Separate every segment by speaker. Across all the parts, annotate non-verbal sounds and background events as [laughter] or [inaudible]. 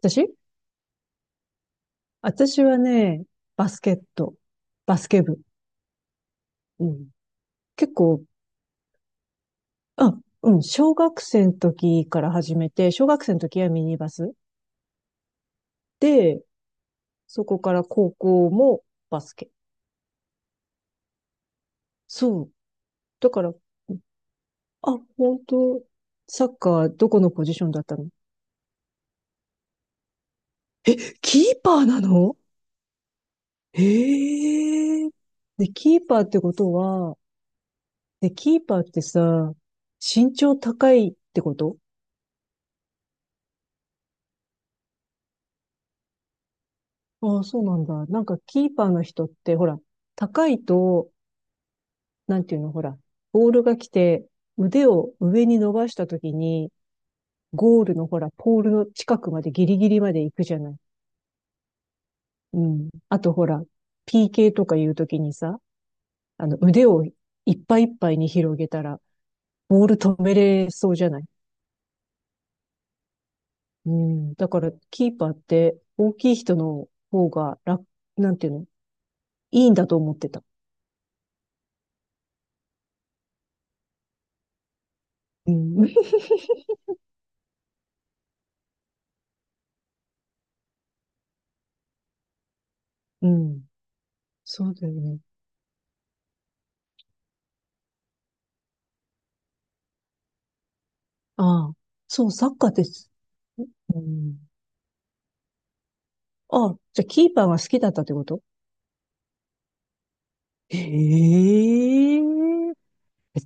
Speaker 1: 私私はね、バスケット、バスケ部。うん。結構、あ、うん、小学生の時から始めて、小学生の時はミニバス。で、そこから高校もバスケ。そう。だから、あ、本当、サッカーどこのポジションだったの？キーパーなの？へえ。で、キーパーってことは、で、キーパーってさ、身長高いってこと？ああ、そうなんだ。なんか、キーパーの人って、ほら、高いと、なんていうの、ほら、ボールが来て、腕を上に伸ばしたときに、ゴールのほら、ポールの近くまでギリギリまで行くじゃない。うん。あとほら、PK とかいうときにさ、あの、腕をいっぱいいっぱいに広げたら、ボール止めれそうじゃない。うん。だから、キーパーって、大きい人の方が楽、なんていうの、いいんだと思ってた。うん。[laughs] うん。そうだよね。ああ、そう、サッカーです。うん。ああ、じゃあキーパーが好きだったってこと？ええ、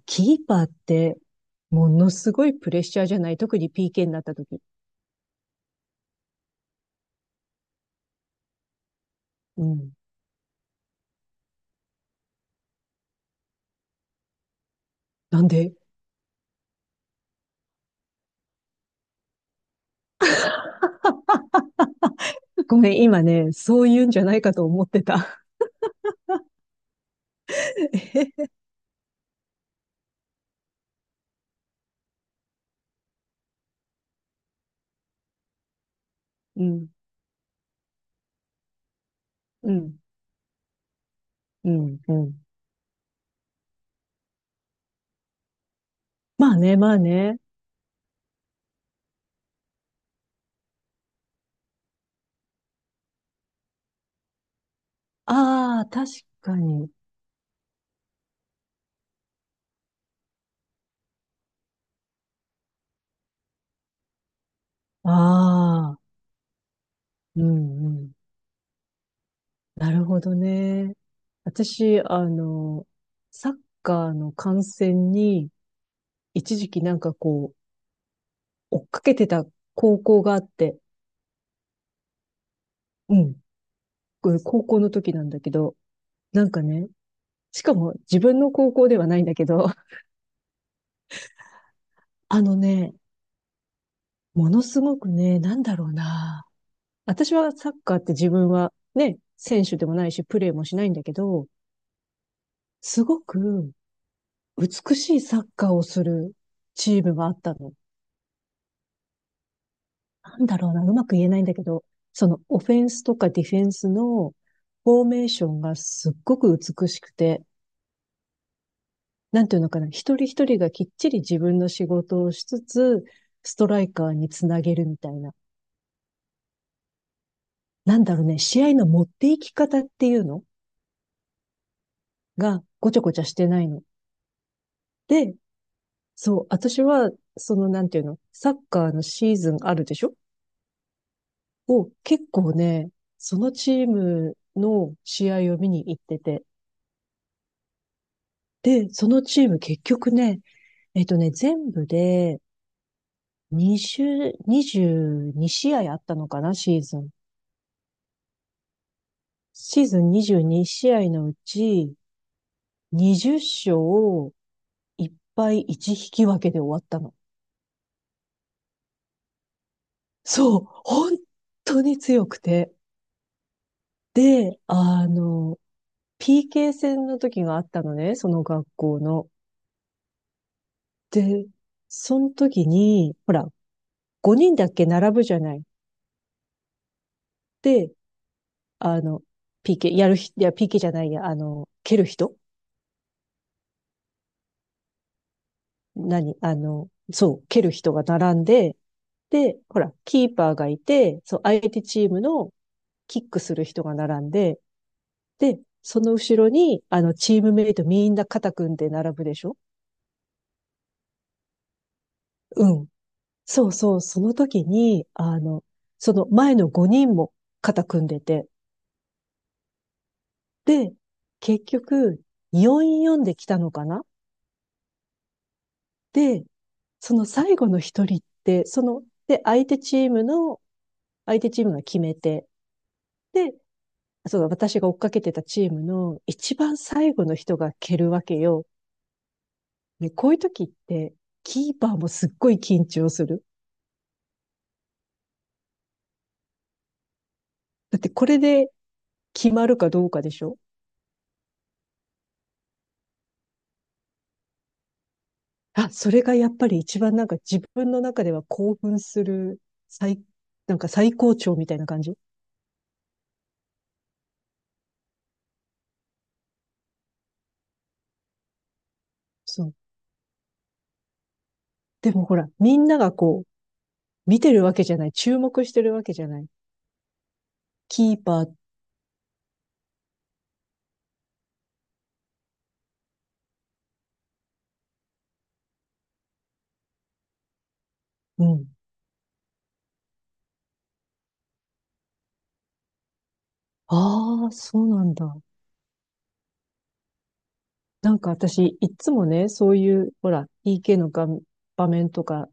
Speaker 1: キーパーって、ものすごいプレッシャーじゃない、特に PK になった時。うん。なんで？ごめん、今ね、そういうんじゃないかと思ってた。[laughs] え、うん、うん、うん、うん。まあね、まあね。ああ、確かに。ああ、うん、うん。なるほどね。私、あの、サッカーの観戦に、一時期なんかこう、追っかけてた高校があって、うん、これ高校の時なんだけど、なんかね、しかも自分の高校ではないんだけど、[laughs] あのね、ものすごくね、なんだろうな。私はサッカーって、自分はね、選手でもないし、プレーもしないんだけど、すごく美しいサッカーをするチームがあったの。なんだろうな、うまく言えないんだけど、そのオフェンスとかディフェンスのフォーメーションがすっごく美しくて、なんていうのかな、一人一人がきっちり自分の仕事をしつつ、ストライカーにつなげるみたいな。なんだろうね、試合の持っていき方っていうのがごちゃごちゃしてないの。で、そう、私は、そのなんていうの、サッカーのシーズンあるでしょ？を結構ね、そのチームの試合を見に行ってて、で、そのチーム結局ね、えっとね、全部で20、22試合あったのかな、シーズン。シーズン22試合のうち、20勝を1敗1引き分けで終わったの。そう、本当に強くて。で、あの、PK 戦の時があったのね、その学校の。で、その時に、ほら、5人だっけ並ぶじゃない。で、あの、PK、やるひ、いや、PK じゃないや、あの、蹴る人、何あの、そう、蹴る人が並んで、で、ほら、キーパーがいて、そう、相手チームのキックする人が並んで、で、その後ろに、あの、チームメイトみんな肩組んで並ぶでしょ？うん。そうそう、その時に、あの、その前の5人も肩組んでて、で、結局、4-4で来たのかな？で、その最後の一人って、その、で、相手チームが決めて、で、その私が追っかけてたチームの一番最後の人が蹴るわけよ。ね、こういう時って、キーパーもすっごい緊張する。だってこれで決まるかどうかでしょ？あ、それがやっぱり一番なんか自分の中では興奮する、最、なんか最高潮みたいな感じ。そう。でもほら、みんながこう、見てるわけじゃない。注目してるわけじゃない。キーパー、うん。ああ、そうなんだ。なんか私、いつもね、そういう、ほら、PK の画、場面とか、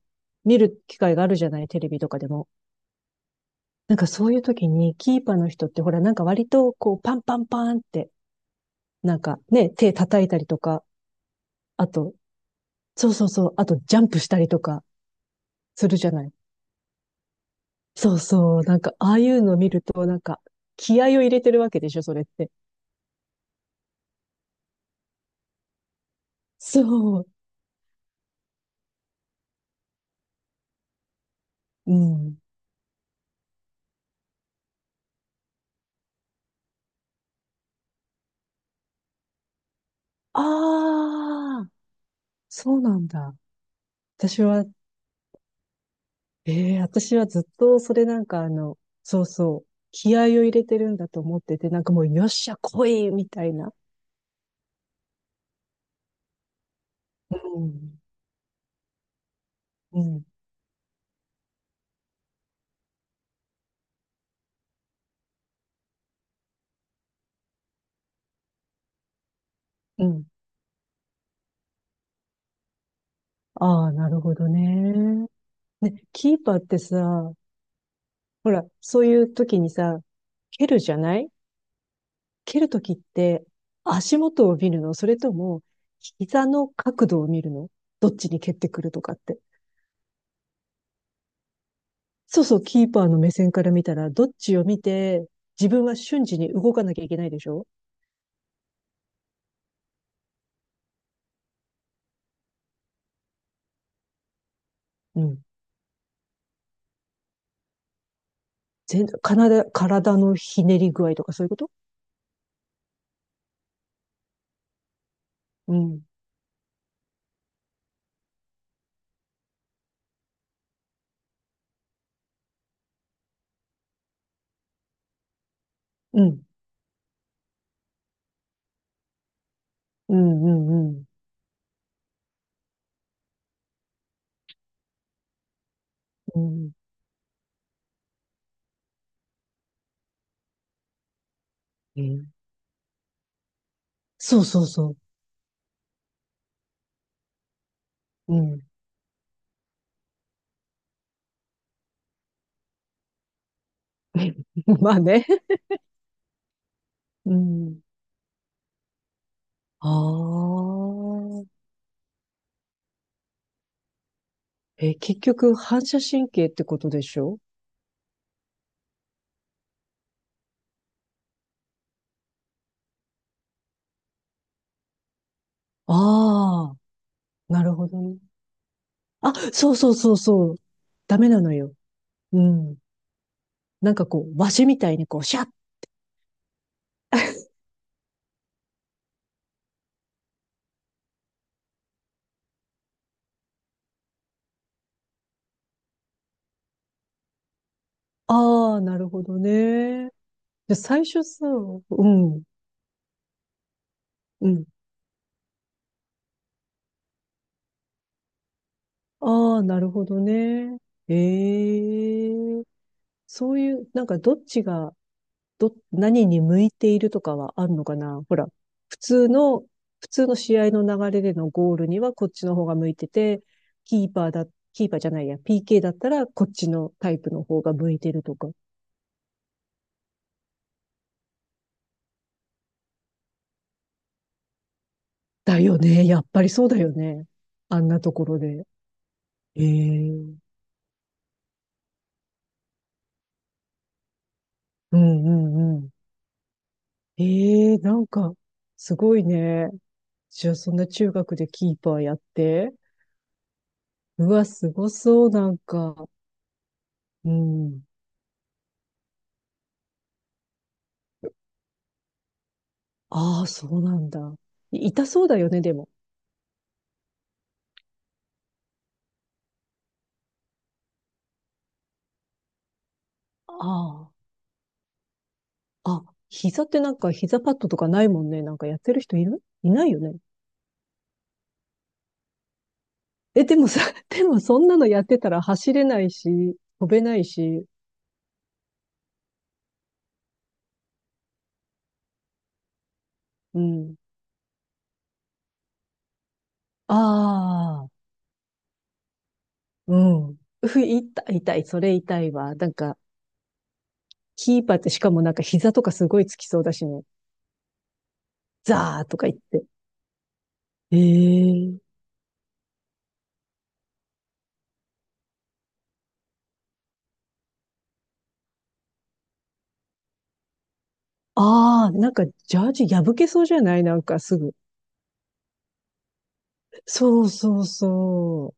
Speaker 1: 見る機会があるじゃない、テレビとかでも。なんかそういう時に、キーパーの人って、ほら、なんか割と、こう、パンパンパンって、なんかね、手叩いたりとか、あと、そうそうそう、あと、ジャンプしたりとか、するじゃない。そうそう、なんか、ああいうの見ると、なんか、気合を入れてるわけでしょ、それって。そう、うん。ああ、そうなんだ。私は、ええ、私はずっとそれなんかあの、そうそう、気合を入れてるんだと思ってて、なんかもうよっしゃ来いみたいな。うん、うん、うん。ああ、なるほどね。ね、キーパーってさ、ほら、そういう時にさ、蹴るじゃない？蹴る時って、足元を見るの？それとも膝の角度を見るの？どっちに蹴ってくるとかって。そうそう、キーパーの目線から見たら、どっちを見て、自分は瞬時に動かなきゃいけないでしょ？うん。全然、体のひねり具合とかそういうこと？うん。うん。うん、うん、うん。うん。そうそうそう。うん。[laughs] まあね。うん。ああ。え、結局、反射神経ってことでしょ？ああー、なるほどね。あ、そうそうそうそう。ダメなのよ。うん。なんかこう、わしみたいにこう、シャッ。ああ、なるほどね。で、最初さ、うん、うん。ああ、なるほどね。ええ、そういう、なんかどっちが、ど、何に向いているとかはあるのかな？ほら、普通の、普通の試合の流れでのゴールにはこっちの方が向いてて、キーパーだ、キーパーじゃないや、PK だったらこっちのタイプの方が向いてるとか。だよね。やっぱりそうだよね。あんなところで。ええ、うんうんうん。ええ、なんか、すごいね。じゃあ、そんな中学でキーパーやって。うわ、すごそう、なんか。うん。ああ、そうなんだ。い、痛そうだよね、でも。ああ。あ、膝ってなんか膝パッドとかないもんね。なんかやってる人いる、いないよね。え、でもさ、[laughs] でもそんなのやってたら走れないし、飛べないし。うん。ああ、うん。ふ、痛い、痛い、それ痛いわ。なんか、キーパーってしかもなんか膝とかすごいつきそうだしね。ザーとか言って。ええ、ああ、なんかジャージ破けそうじゃない？なんかすぐ。そうそうそ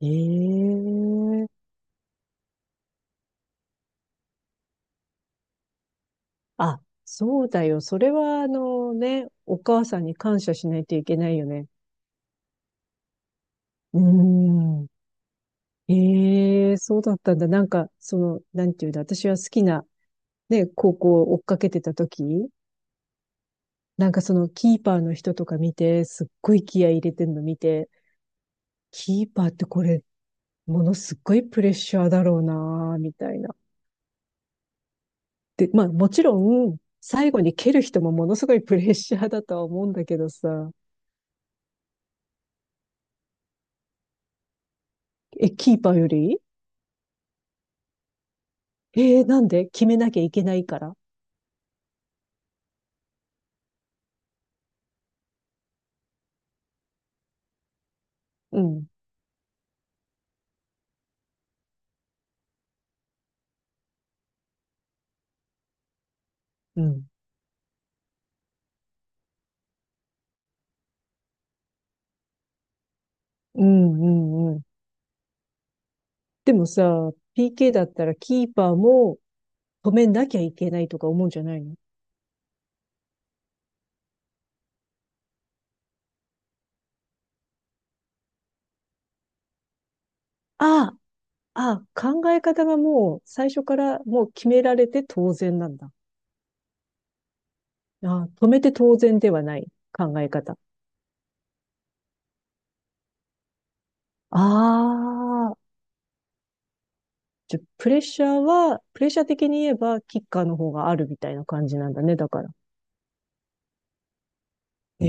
Speaker 1: う。ええ、あ、そうだよ。それはあのね、お母さんに感謝しないといけないよね。うーん。ええ、そうだったんだ。なんか、その、なんていうんだ、私は好きなね、高校を追っかけてた時、なんかそのキーパーの人とか見て、すっごい気合い入れてんの見て、キーパーってこれ、ものすっごいプレッシャーだろうな、みたいな。で、まあもちろん、最後に蹴る人もものすごいプレッシャーだとは思うんだけどさ、え、キーパーより？えー、なんで？決めなきゃいけないから？うん、うん、うん、うん、うん。でもさ、PK だったらキーパーも止めなきゃいけないとか思うんじゃないの？ああ、ああ、考え方がもう最初からもう決められて当然なんだ。ああ、止めて当然ではない考え方。ああ、じゃ、プレッシャーは、プレッシャー的に言えば、キッカーの方があるみたいな感じなんだね、だから。え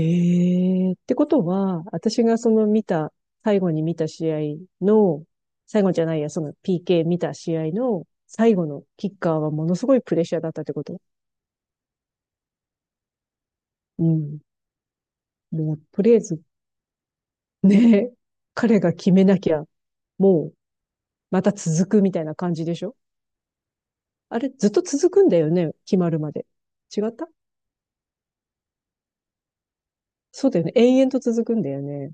Speaker 1: えってことは、私がその見た、最後に見た試合の、最後じゃないや、その PK 見た試合の最後のキッカーはものすごいプレッシャーだったってこと。うん。もう、とりあえず、ね、彼が決めなきゃ、もう、また続くみたいな感じでしょ？あれ、ずっと続くんだよね、決まるまで。違った。そうだよね。延々と続くんだよね。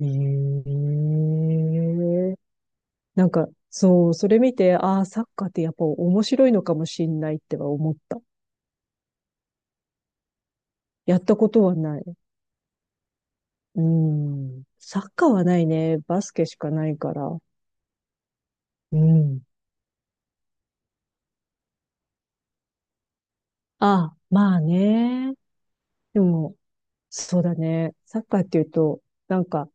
Speaker 1: ええ、なんか、そう、それ見て、ああ、サッカーってやっぱ面白いのかもしんないっては思った。やったことはない。うん。サッカーはないね。バスケしかないから。うん。ああ、まあね。でも、そうだね。サッカーっていうと、なんか、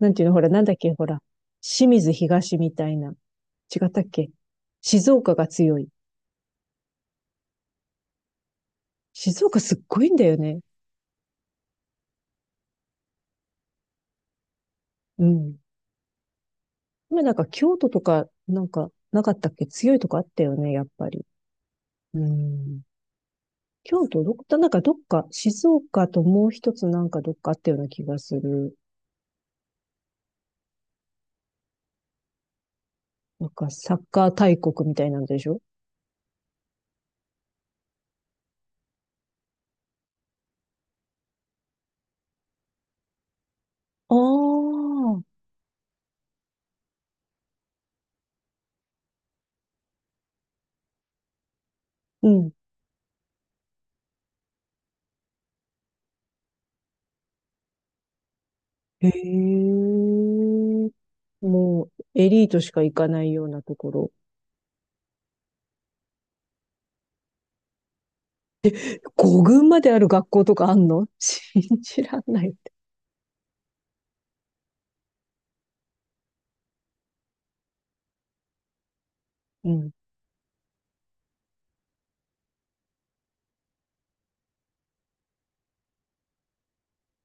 Speaker 1: なんていうの、ほら、なんだっけ、ほら、清水東みたいな。違ったっけ？静岡が強い。静岡すっごいんだよね。うん。今なんか京都とか、なんか、なかったっけ？強いとこあったよね、やっぱり。うん。京都どこだ、なんかどっか、静岡ともう一つなんかどっかあったような気がする。なんかサッカー大国みたいなんでしょ？ああ、うん。へえ。もう、エリートしか行かないようなところ。五軍まである学校とかあんの？ [laughs] 信じらんないって。うん、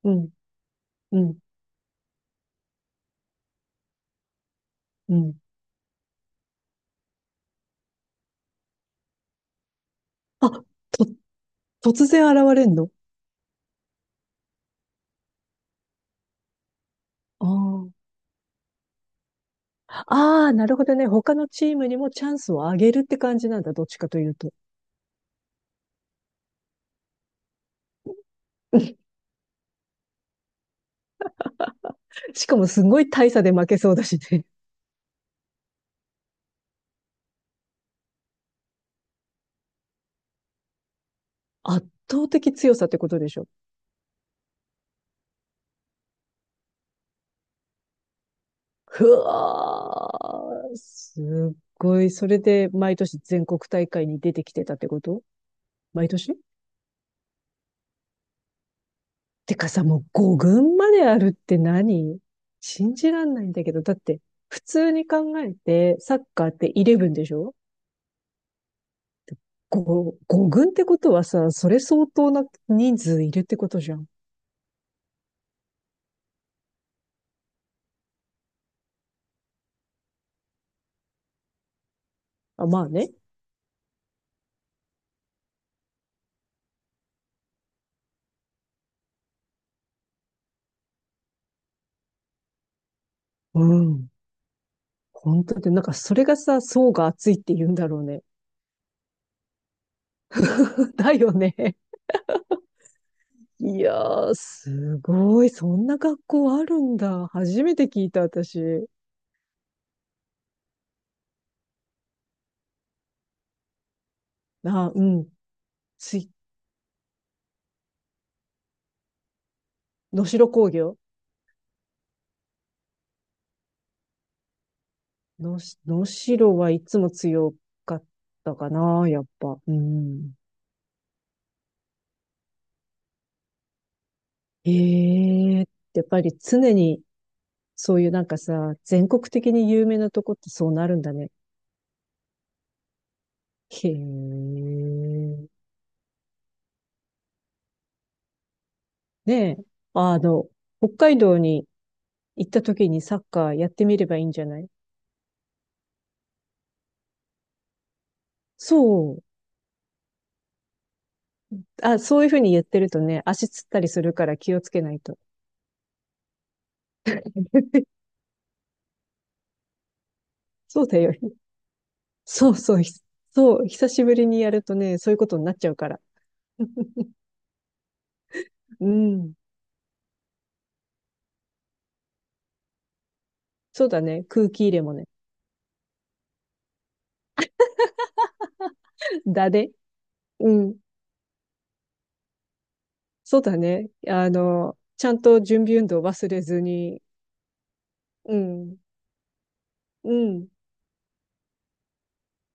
Speaker 1: うん、うん、うん。あ、と、突然現れんの？ああ、ああ、なるほどね。他のチームにもチャンスをあげるって感じなんだ。どっちかというと。[laughs] しかもすごい大差で負けそうだしね。圧倒的強さってことでしょ。ふわー。すっごい。それで毎年全国大会に出てきてたってこと？毎年。てかさ、もう5軍まであるって何？信じらんないんだけど。だって、普通に考えて、サッカーってイレブンでしょ？ 5、5軍ってことはさ、それ相当な人数いるってことじゃん。あ、まあね。うん。本当で、なんかそれがさ、層が厚いって言うんだろうね。[laughs] だよね。いやー、すごい。そんな学校あるんだ。初めて聞いた、私。あ、うん。つい、能代工業。のし、能代はいつも強かったかな、やっぱ。うん。ええ、やっぱり常に、そういうなんかさ、全国的に有名なとこってそうなるんだね。へえ。ねえ、あの、北海道に行った時にサッカーやってみればいいんじゃない？そう。あ、そういうふうにやってるとね、足つったりするから気をつけないと。そうだよ。そうそう。ひ、そう。久しぶりにやるとね、そういうことになっちゃうから。うん。そうだね。空気入れもね。だで。うん。そうだね。あの、ちゃんと準備運動忘れずに。うん。うん。